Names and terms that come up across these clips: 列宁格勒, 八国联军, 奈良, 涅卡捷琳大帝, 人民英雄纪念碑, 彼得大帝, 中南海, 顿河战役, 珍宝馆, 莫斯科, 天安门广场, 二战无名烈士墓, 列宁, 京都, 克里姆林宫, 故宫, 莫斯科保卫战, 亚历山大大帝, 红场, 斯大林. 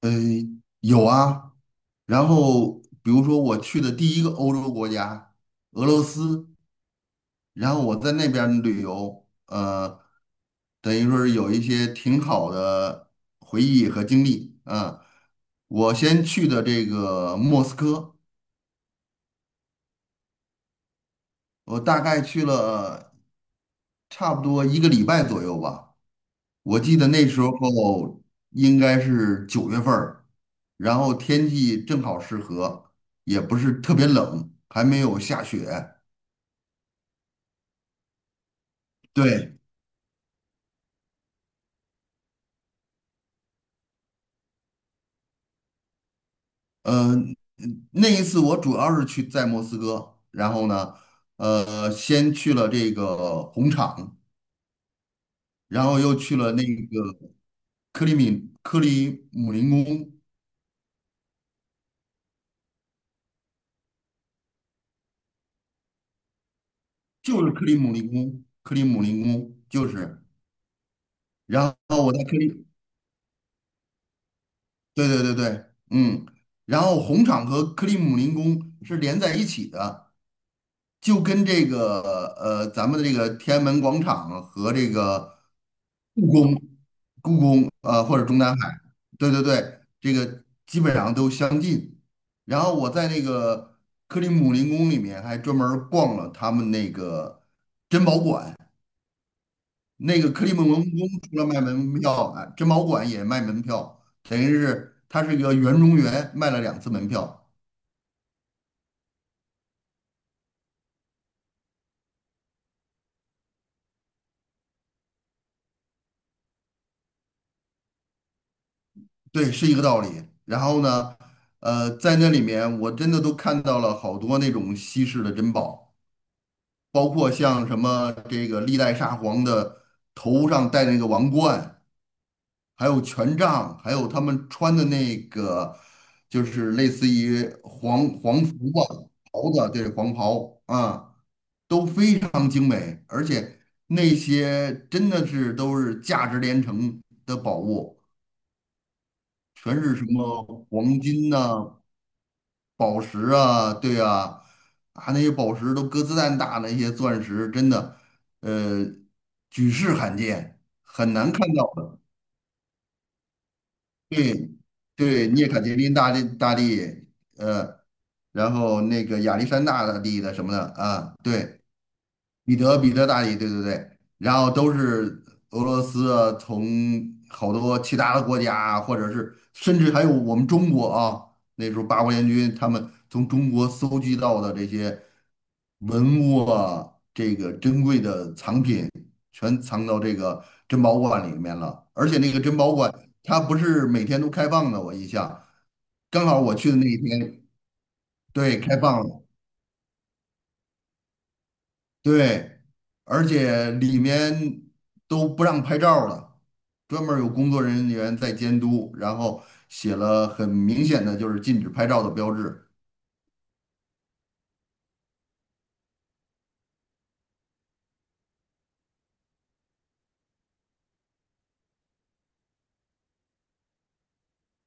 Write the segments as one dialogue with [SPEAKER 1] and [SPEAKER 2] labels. [SPEAKER 1] 呃，有啊。然后比如说我去的第一个欧洲国家俄罗斯，然后我在那边儿旅游，等于说是有一些挺好的回忆和经历啊。我先去的这个莫斯科，我大概去了差不多一个礼拜左右吧。我记得那时候应该是九月份儿，然后天气正好适合，也不是特别冷，还没有下雪。对，嗯，那一次我主要是去在莫斯科，然后呢，先去了这个红场，然后又去了那个克里姆林宫，就是克里姆林宫，克里姆林宫就是。然后我在对对对对，嗯，然后红场和克里姆林宫是连在一起的，就跟这个咱们的这个天安门广场和这个故宫、故宫或者中南海，对对对，这个基本上都相近。然后我在那个克里姆林宫里面还专门儿逛了他们那个珍宝馆，那个克里姆林宫除了卖门票啊，珍宝馆也卖门票，等于是它是一个园中园，卖了两次门票。对，是一个道理。然后呢，在那里面我真的都看到了好多那种稀世的珍宝，包括像什么这个历代沙皇的头上戴那个王冠，还有权杖，还有他们穿的那个就是类似于皇服吧，袍子啊，对，皇袍啊，都非常精美，而且那些真的是都是价值连城的宝物。全是什么黄金呐、宝石啊，对啊，啊那些宝石都鸽子蛋大，那些钻石真的，呃，举世罕见，很难看到的。对，对，涅卡捷琳大帝，呃，然后那个亚历山大大帝的什么的啊，对。彼得大帝，对对对，然后都是俄罗斯啊从好多其他的国家啊或者是甚至还有我们中国啊，那时候八国联军他们从中国搜集到的这些文物啊，这个珍贵的藏品，全藏到这个珍宝馆里面了。而且那个珍宝馆它不是每天都开放的，我印象，刚好我去的那一天，对，开放了。对，而且里面都不让拍照了，专门儿有工作人员在监督，然后写了很明显的就是禁止拍照的标志。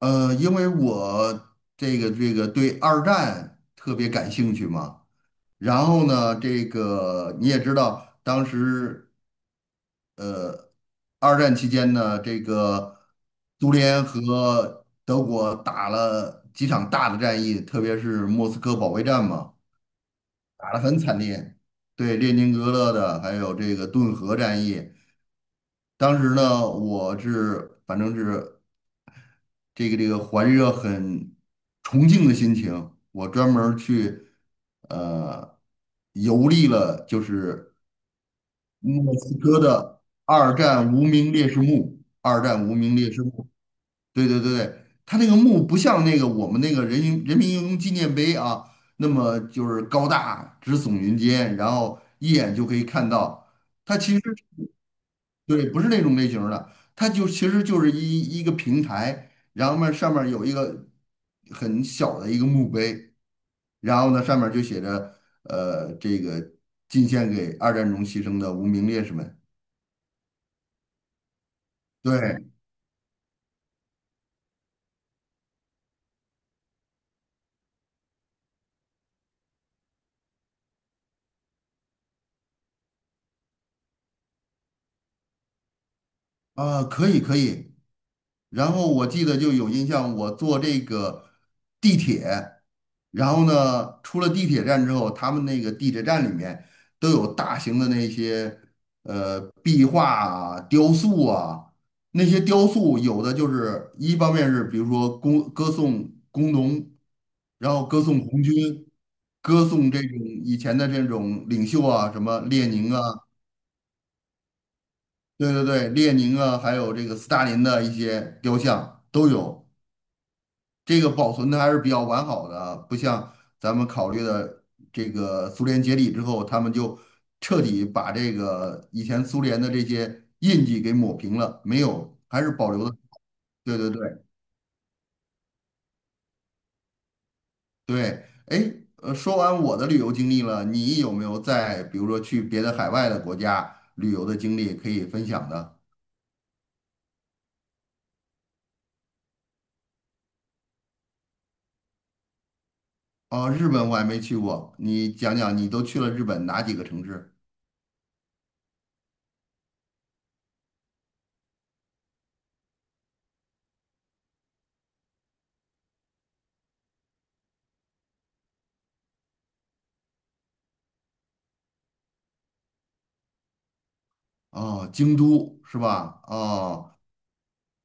[SPEAKER 1] 因为我这个对二战特别感兴趣嘛，然后呢，这个你也知道，当时二战期间呢，这个苏联和德国打了几场大的战役，特别是莫斯科保卫战嘛。打得很惨烈，对列宁格勒的，还有这个顿河战役，当时呢，我是反正是这个怀着很崇敬的心情，我专门儿去呃游历了，就是莫斯科的二战无名烈士墓，二战无名烈士墓。对对对对，它那个墓不像那个我们那个人民英雄纪念碑啊，那么就是高大直耸云间，然后一眼就可以看到。它其实对，不是那种类型儿的，它就其实就是一个平台，然后面上面有一个很小的一个墓碑，然后呢上面就写着这个进献给二战中牺牲的无名烈士们。对啊，可以可以，然后我记得就有印象，我坐这个地铁，然后呢，出了地铁站之后，他们那个地铁站里面都有大型的那些壁画啊、雕塑啊，那些雕塑有的就是一方面是比如说歌颂工农，然后歌颂红军，歌颂这种以前的这种领袖啊，什么列宁啊，对对对，列宁啊，还有这个斯大林的一些雕像都有。这个保存的还是比较完好的啊，不像咱们考虑的这个苏联解体之后，他们就彻底把这个以前苏联的这些印记给抹平了，没有，还是保留的。对对对对，哎，说完我的旅游经历了，你有没有在比如说去别的海外的国家旅游的经历可以分享的？哦，日本我还没去过，你讲讲你都去了日本哪几个城市？哦，京都是吧？哦。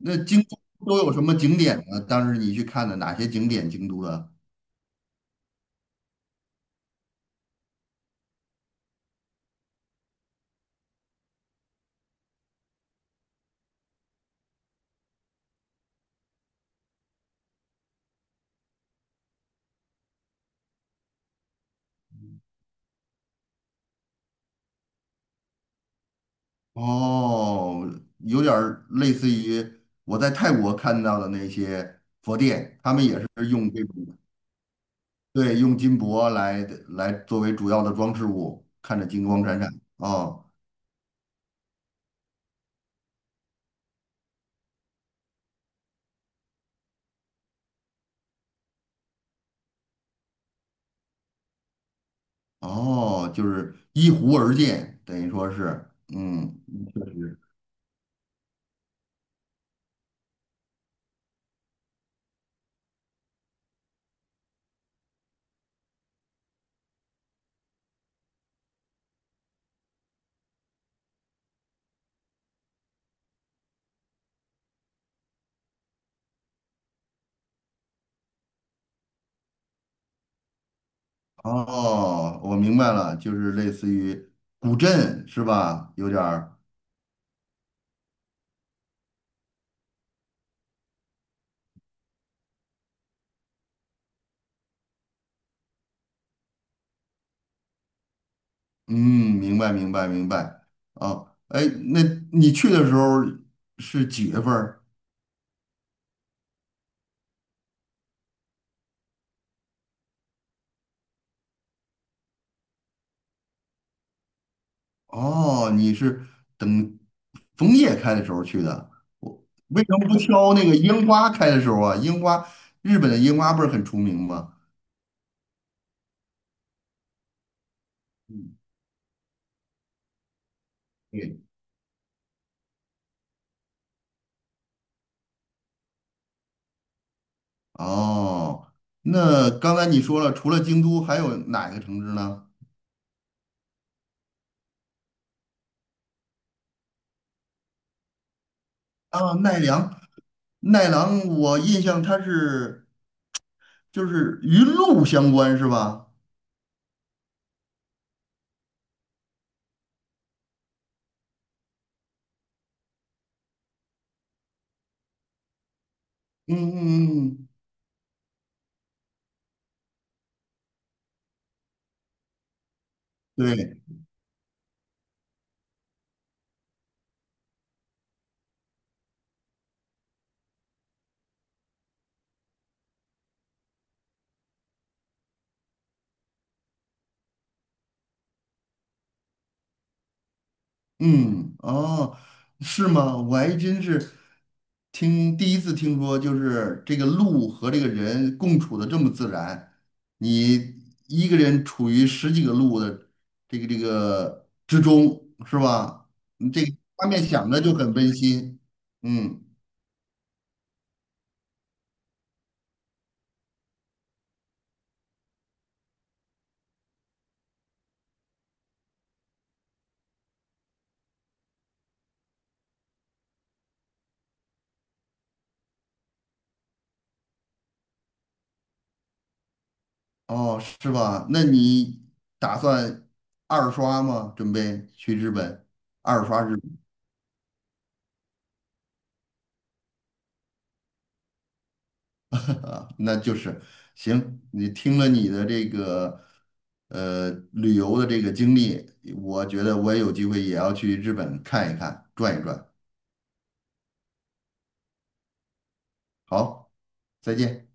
[SPEAKER 1] 那京都都有什么景点呢？当时你去看的哪些景点？京都的哦，有点儿类似于我在泰国看到的那些佛殿，他们也是用这种对用金箔来作为主要的装饰物，看着金光闪闪。哦哦，就是依湖而建，等于说是，嗯，确实。哦，我明白了，就是类似于古镇是吧？有点儿。嗯，明白明白明白。哦，哎，那你去的时候是几月份儿？哦，你是等枫叶开的时候去的。我为什么不挑那个樱花开的时候啊？樱花，日本的樱花不是很出名吗？嗯，对。哦，那刚才你说了，除了京都，还有哪个城市呢？啊，奈良，奈良，我印象它是就是与鹿相关是吧？嗯嗯嗯，嗯对。嗯，哦，是吗？我还真是第一次听说，就是这个鹿和这个人共处的这么自然。你一个人处于十几个鹿的这个之中，是吧？你这个画面想着就很温馨。嗯，哦，是吧？那你打算二刷吗？准备去日本二刷日本？啊，那就是行。你听了你的这个旅游的这个经历，我觉得我也有机会也要去日本看一看，转一转。好，再见。